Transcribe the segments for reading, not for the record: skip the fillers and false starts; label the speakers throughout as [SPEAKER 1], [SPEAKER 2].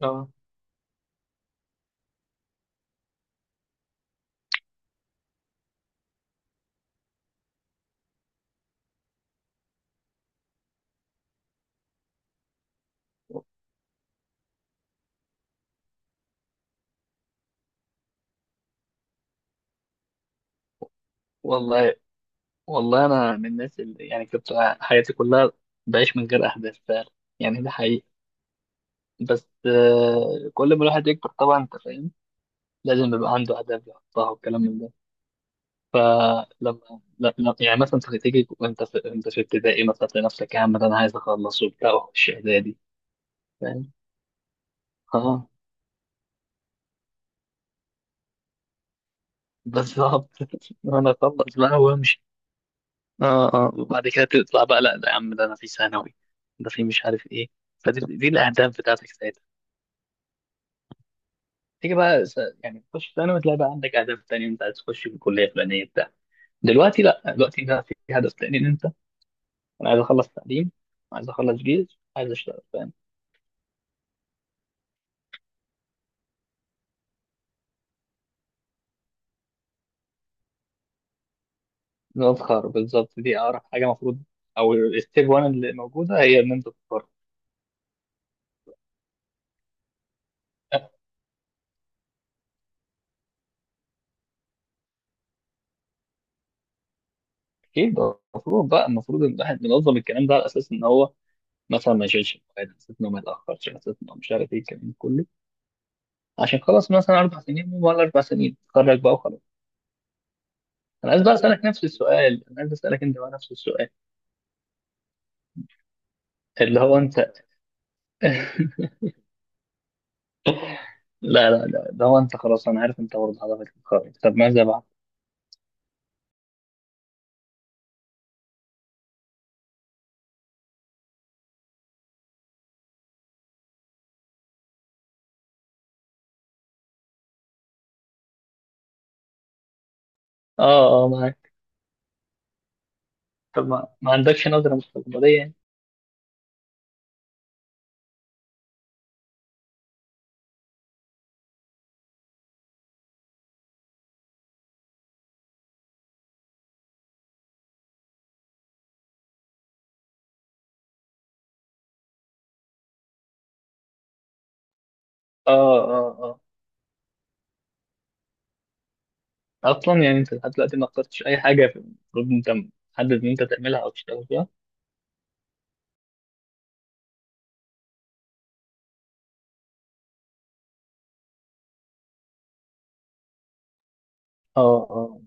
[SPEAKER 1] اه. والله والله انا من الناس اللي يعني كنت حياتي كلها بعيش من غير احداث فعلا. يعني ده حقيقي. بس آه، كل ما الواحد يكبر طبعا انت فاهم لازم يبقى عنده اهداف يحطها والكلام من ده. فلما يعني مثلا انت تيجي وانت في انت في ابتدائي مثلا تلاقي نفسك يا عم ده انا عايز اخلص وبتاع واخش اعدادي فاهم. اه بالظبط انا اخلص بقى وامشي. اه اه وبعد كده تطلع بقى لا ده يا عم ده انا في ثانوي ده في مش عارف ايه. فدي دي الاهداف بتاعتك. تيجي بقى يعني تخش ثانوي تلاقي بقى عندك اهداف تانية انت عايز تخش في الكليه الفلانيه بتاع. دلوقتي لا، دلوقتي لا، في هدف تاني ان انت انا عايز اخلص تعليم، عايز اخلص جيش، عايز اشتغل فاهم. نظهر بالظبط دي اقرب حاجه المفروض. او الستيب 1 اللي موجوده هي ان انت تظهر. اكيد المفروض بقى، المفروض ان الواحد منظم الكلام ده على اساس ان هو مثلا ما يشيلش المواد على اساس ان هو ما يتاخرش على اساس ان هو مش عارف ايه الكلام ده كله عشان خلاص مثلا اربع سنين ولا اربع سنين تخرج بقى وخلاص. انا عايز بقى اسالك نفس السؤال، انا عايز اسالك انت بقى نفس السؤال اللي هو انت. لا لا لا، اللي هو انت خلاص انا عارف انت برضه هدفك القوي طب ماذا بعد؟ اه اه معاك. طب ما عندكش نظرة مستقبلية يعني. اه اه اه اصلا يعني انت لحد دلوقتي ما اخترتش اي حاجة المفروض انت محدد ان انت تعملها او تشتغل فيها. اه اه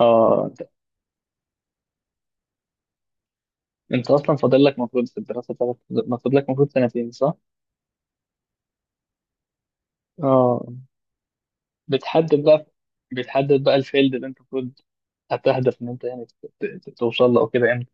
[SPEAKER 1] اه. انت اصلا فاضل لك المفروض في الدراسة بتاعتك المفروض لك المفروض سنتين، صح؟ اه. بتحدد بقى، بتحدد بقى الفيلد اللي انت المفروض هتهدف ان انت يعني توصل له او كده امتى؟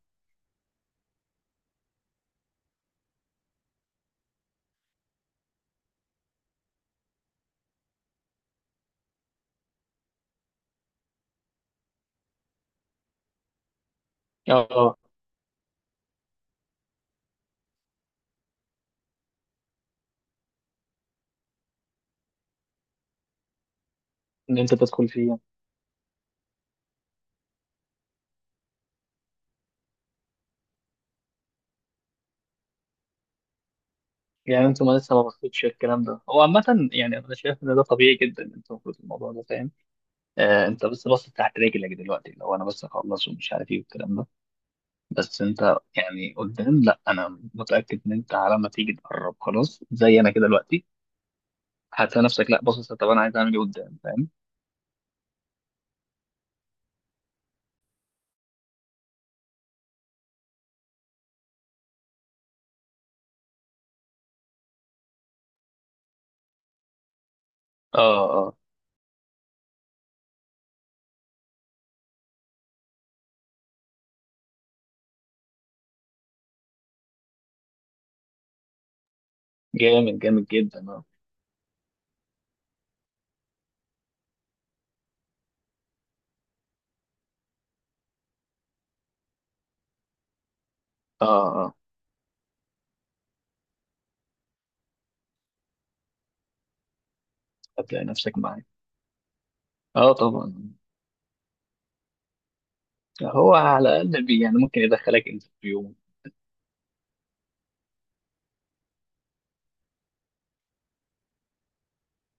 [SPEAKER 1] اه آه، ان انت تدخل فيه يعني. يعني انتوا ما لسه ما بصيتش الكلام ده هو عامة. يعني انا شايف ان ده طبيعي جدا انت المفروض الموضوع ده فاهم. آه انت بس باصص تحت رجلك دلوقتي لو انا بس اخلص ومش عارف ايه والكلام ده. بس انت يعني قدام لا، انا متأكد ان انت على ما تيجي تقرب خلاص زي انا كده دلوقتي هتلاقي نفسك لا باصص طب انا عايز اعمل ايه قدام فاهم. اه اه. جامد جامد جدا اه. اه اه. هتلاقي نفسك معايا. اه طبعا. هو على الاقل بي يعني ممكن يدخلك انترفيو.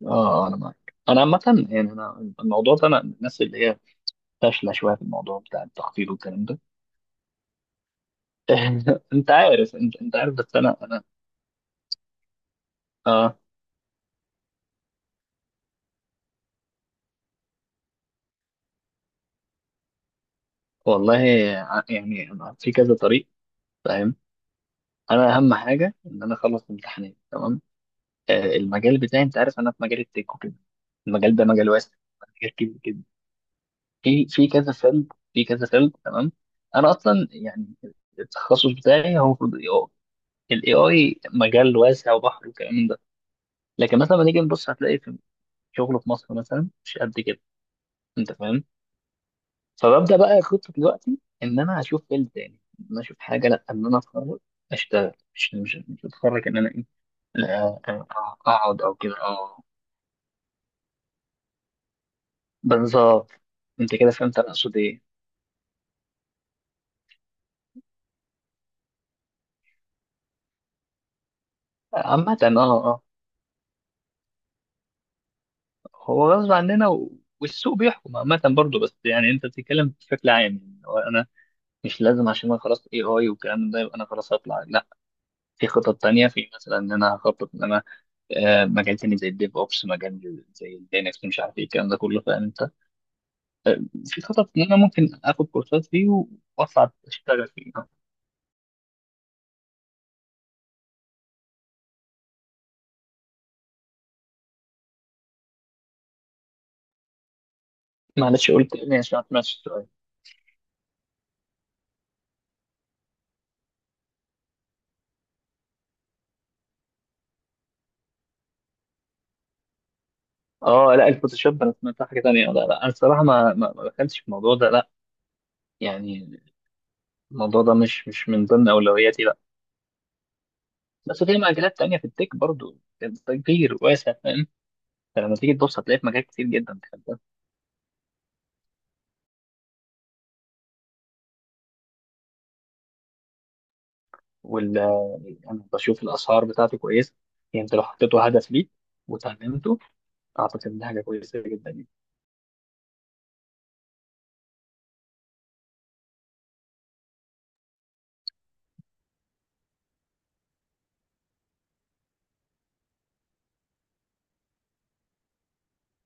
[SPEAKER 1] اه انا معاك، انا عامة يعني انا الموضوع ده انا من الناس اللي هي فاشلة شوية في الموضوع بتاع التخطيط والكلام ده. انت عارف انت عارف بس انا. اه والله يعني أنا في كذا طريق فاهم. انا اهم حاجة ان انا اخلص امتحانات تمام. آه المجال بتاعي انت عارف انا في مجال التك وكده. المجال ده مجال واسع، مجال كبير جدا. في كذا فيلد في كذا فيلد تمام. انا اصلا يعني التخصص بتاعي هو المفروض اي الاي اي مجال واسع وبحر وكلام. لكن مثلا لما نيجي نبص هتلاقي في شغله في مصر مثلا مش قد كده انت فاهم. فببدا بقى خطه دلوقتي ان انا هشوف فيلد تاني ان انا اشوف حاجه لا ان انا اتخرج اشتغل مش اتخرج ان انا ايه لا، أ- أ- اقعد او كده اه. بالظبط انت كده فهمت انا اقصد ايه. عامة اه. اه هو غصب عننا و... والسوق بيحكم عامة برضه بس يعني انت بتتكلم بشكل عام يعني هو انا مش لازم عشان انا خلاص اي اي والكلام ده يبقى انا خلاص هطلع لا. في خطط تانية، في مثلا ان انا هخطط ان انا مجال تاني زي الديف اوبس، مجال زي الدينكس مش عارف ايه الكلام ده كله فاهم انت. في خطط ان انا ممكن اخد كورسات فيه واطلع اشتغل فيه. معلش قلت تاني عشان ما سمعتش السؤال. اه لا الفوتوشوب انا سمعتها حاجه تانيه. لا لا انا الصراحه ما دخلتش في الموضوع ده لا يعني. الموضوع ده مش من ضمن اولوياتي لا. بس في مجالات تانيه في التك برضو كبير واسع فاهم. انت لما تيجي تبص هتلاقي في مجال كتير جدا دخلت ده. وال انا بشوف الاسعار بتاعته كويسه. يعني انت لو حطيته هدف ليك وتعلمته اعتقد ان دي حاجه كويسه جدا يعني.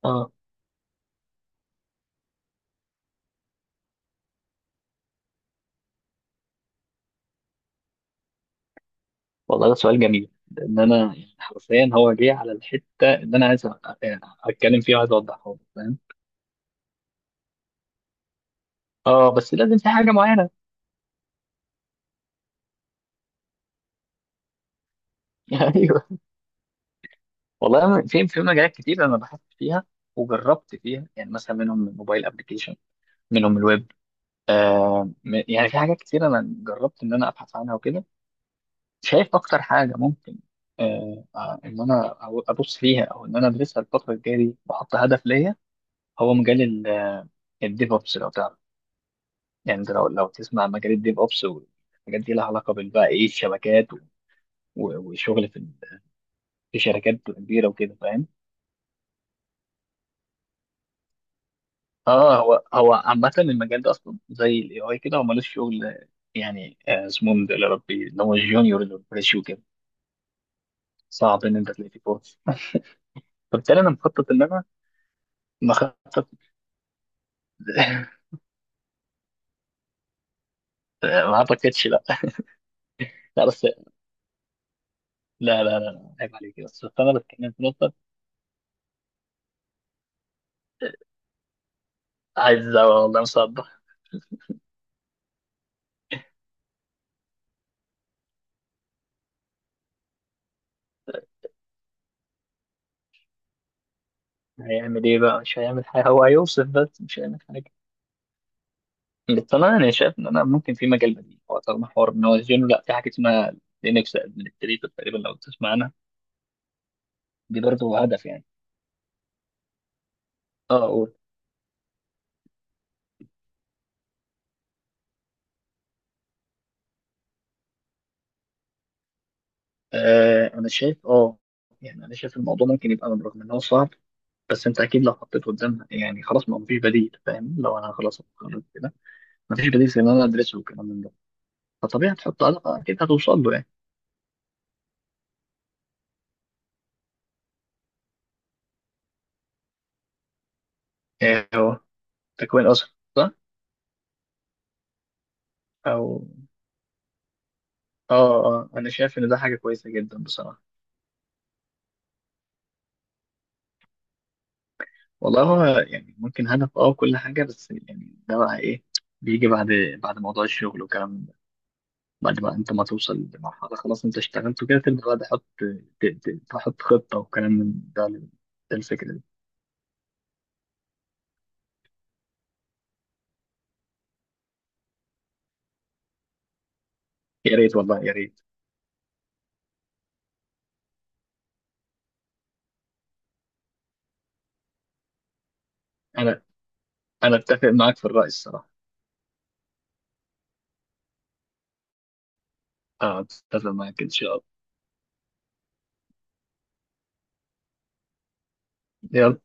[SPEAKER 1] اه والله ده سؤال جميل لان انا يعني حرفيا هو جه على الحته اللي انا عايز اتكلم فيها وعايز اوضحها لك، فاهم. اه بس لازم في حاجه معينه. ايوه. والله أنا في مجالات كتير انا بحثت فيها وجربت فيها يعني. مثلا منهم الموبايل ابلكيشن، منهم الويب، يعني في حاجات كتير انا جربت ان انا ابحث عنها وكده. شايف اكتر حاجه ممكن ان انا ابص فيها او ان انا ادرسها الفتره الجايه دي واحط هدف ليا. هو مجال الديف اوبس لو تعرف. يعني انت لو تسمع مجال الديف اوبس والحاجات دي لها علاقه بال بقى ايه الشبكات وشغل في شركات كبيره وكده فاهم. اه هو عامه المجال ده اصلا زي الاي اي كده هو ملوش شغل يعني. آه، اسمه من ده يا ربي اللي هو الجونيور اللي هو الفريش وكده. صعب ان انت تلاقي فيه فرص. فبالتالي انا مخطط ان انا مخطط. ما اعتقدش لا. لا بس لا لا لا لا، عيب عليك بس. فانا بتكلم في نقطه. عايز والله مصدق. هيعمل ايه بقى، مش هيعمل حاجه هو هيوصف بس مش هيعمل حاجه. بس انا شايف ان انا ممكن في مجال بديل هو طالما حوار ان هو يزينه لا في حاجه اسمها لينكس ادمنستريتور تقريبا لو تسمع عنها. دي برضه هدف يعني. اه اقول. آه انا شايف اه. يعني انا شايف الموضوع ممكن يبقى رغم ان هو صعب بس انت اكيد لو حطيت قدامها يعني خلاص ما مفيش بديل فاهم لو انا خلاص اتخرجت كده مفيش بديل زي ان انا ادرسه والكلام من ده. فطبيعي هتحط علاقه اكيد هتوصل له يعني. آه، هو تكوين اسره صح. او اه. اه انا شايف ان ده حاجه كويسه جدا بصراحه. والله هو يعني ممكن هدف اه كل حاجه بس يعني ده بقى ايه بيجي بعد، بعد موضوع الشغل والكلام ده بعد ما انت ما توصل لمرحله خلاص انت اشتغلت وكده تبدا بقى تحط تحط خطه وكلام من ده. ده الفكره دي. يا ريت والله يا ريت. انا انا اتفق معاك في الراي الصراحه. اه اتفق معاك ان شاء الله. يلا.